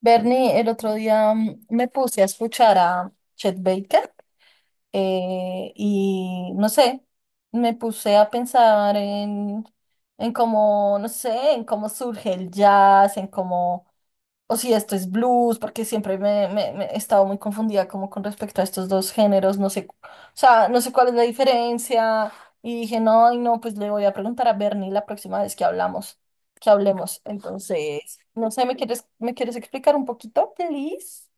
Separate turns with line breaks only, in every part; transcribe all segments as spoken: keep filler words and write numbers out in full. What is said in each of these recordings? Bernie, el otro día mm, me puse a escuchar a Chet Baker eh, y no sé, me puse a pensar en, en cómo, no sé, en cómo surge el jazz, en cómo o si esto es blues, porque siempre me, me- me he estado muy confundida como con respecto a estos dos géneros, no sé, cu- o sea, no sé cuál es la diferencia, y dije, no, y no, pues le voy a preguntar a Bernie la próxima vez que hablamos, que hablemos, entonces, no sé, ¿me quieres, me quieres explicar un poquito, please?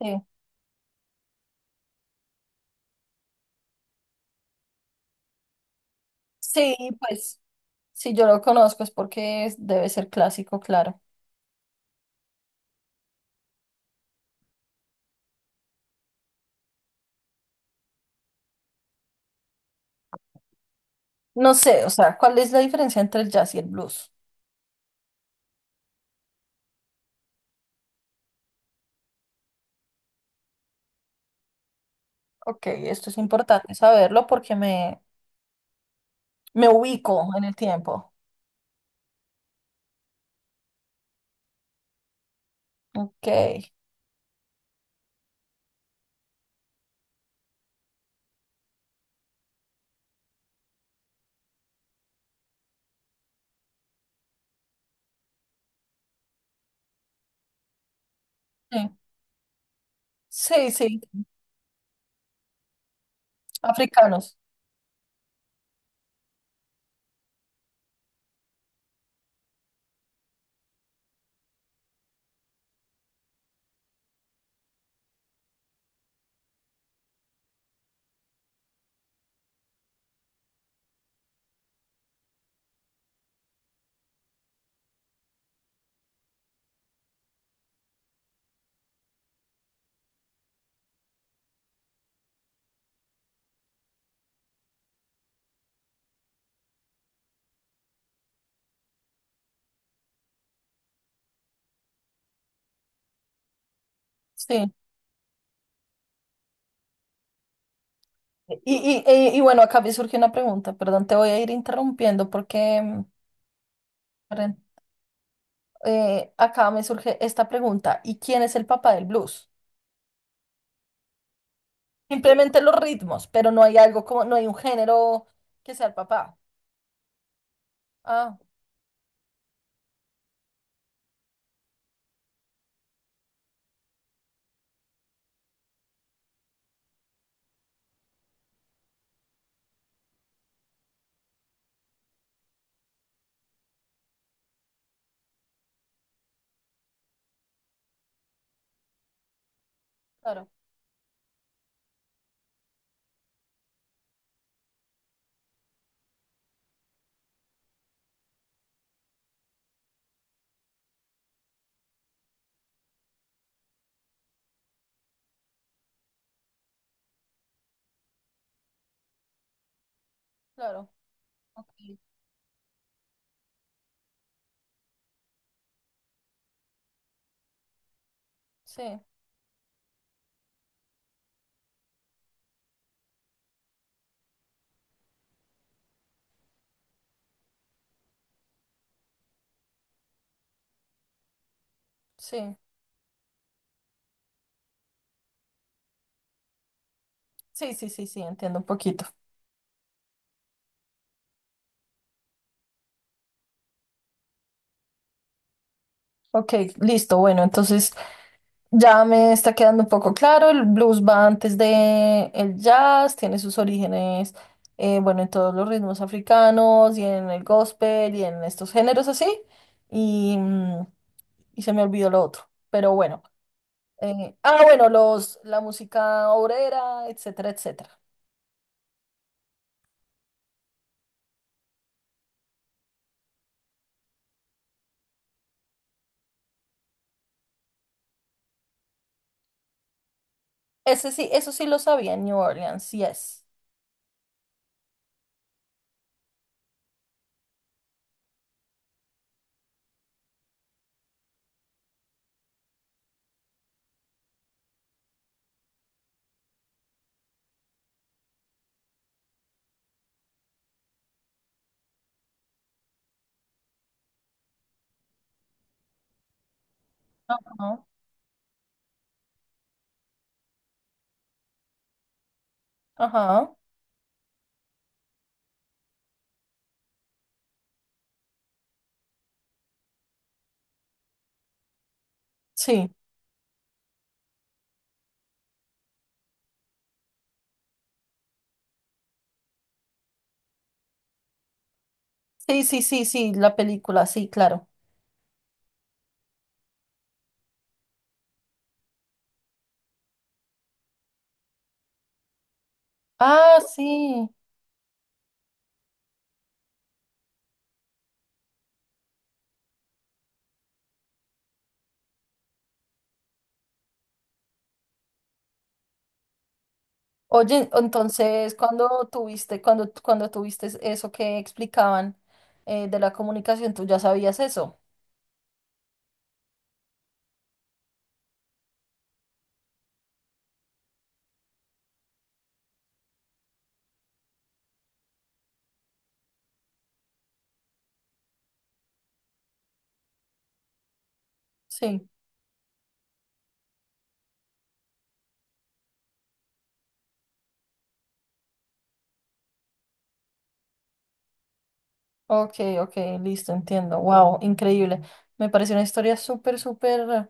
Sí, sí, pues, si yo lo conozco es porque es- debe ser clásico, claro. No sé, o sea, ¿cuál es la diferencia entre el jazz y el blues? Ok, esto es importante saberlo porque me, me ubico en el tiempo. Ok. Sí, sí, sí, africanos. Sí. Y, y, y- y bueno, acá me surge una pregunta, perdón, te voy a ir interrumpiendo porque mm, perdón, eh, acá me surge esta pregunta. ¿Y quién es el papá del blues? Simplemente los ritmos, pero no hay algo como, no hay un género que sea el papá. Ah, claro, claro. Ok, sí, sí, sí, sí, sí, sí, entiendo un poquito. Ok, listo. Bueno, entonces ya me está quedando un poco claro. El blues va antes de el jazz, tiene sus orígenes, eh, bueno, en todos los ritmos africanos y en el gospel y en estos géneros así. Y, mm, y se me olvidó lo otro. Pero bueno. eh, ah, bueno, los, la música obrera, etcétera, etcétera. Ese sí, eso sí lo sabía, en New Orleans, yes. Ajá. Ajá. Sí. Sí, sí, sí, sí, la película, sí, claro. Ah, sí. Oye, entonces, cuando tuviste, cuando, cuando tuviste eso que explicaban eh, de la comunicación, ¿tú ya sabías eso? Sí. Ok, ok, listo, entiendo. Wow, increíble. Me pareció una historia súper, súper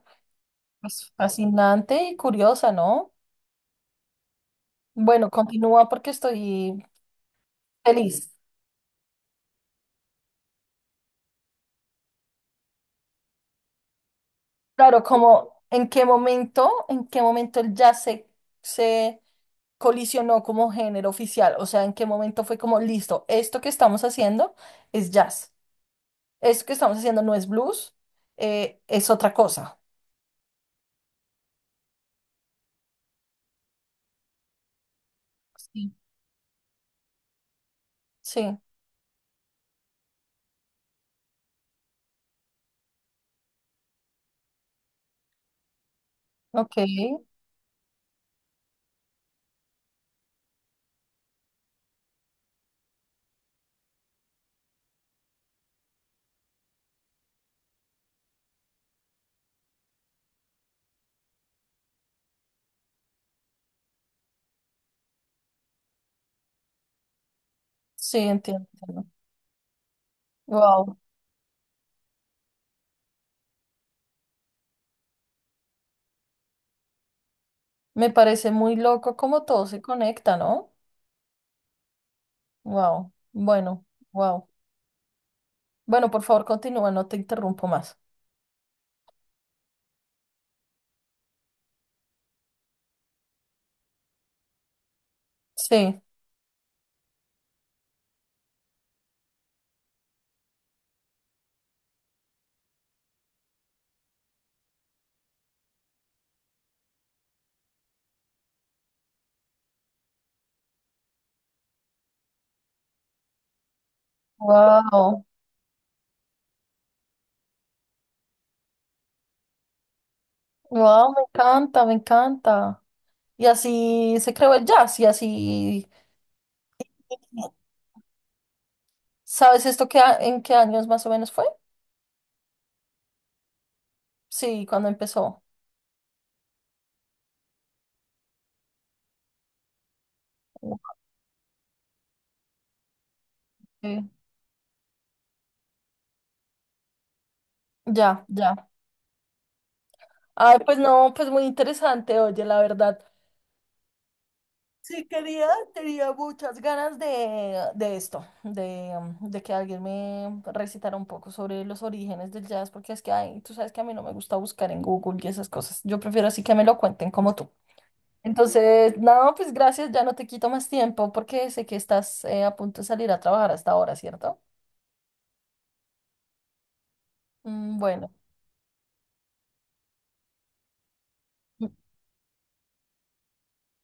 pues, fascinante y curiosa, ¿no? Bueno, continúa porque estoy feliz. Claro, como en qué momento, en qué momento el jazz se, se colisionó como género oficial, o sea, en qué momento fue como, listo, esto que estamos haciendo es jazz. Eso que estamos haciendo no es blues, eh, es otra cosa. Sí. Sí, ok, sí, entiendo. Wow, me parece muy loco cómo todo se conecta, ¿no? Wow, bueno, wow. Bueno, por favor, continúa, no te interrumpo más. Sí, wow, wow, me encanta, me encanta. Y así se creó el jazz, y así, ¿sabes esto, que en qué años más o menos fue? Sí, cuando empezó. Ok, ya, ya. Ay, pues no, pues muy interesante, oye, la verdad. Sí quería, tenía muchas ganas de, de esto, de, um, de que alguien me recitara un poco sobre los orígenes del jazz, porque es que, ay, tú sabes que a mí no me gusta buscar en Google y esas cosas. Yo prefiero así que me lo cuenten como tú. Entonces, no, pues gracias, ya no te quito más tiempo porque sé que estás eh, a punto de salir a trabajar hasta ahora, ¿cierto? Mm, bueno,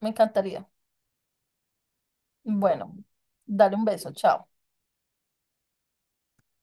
me encantaría. Bueno, dale un beso, chao.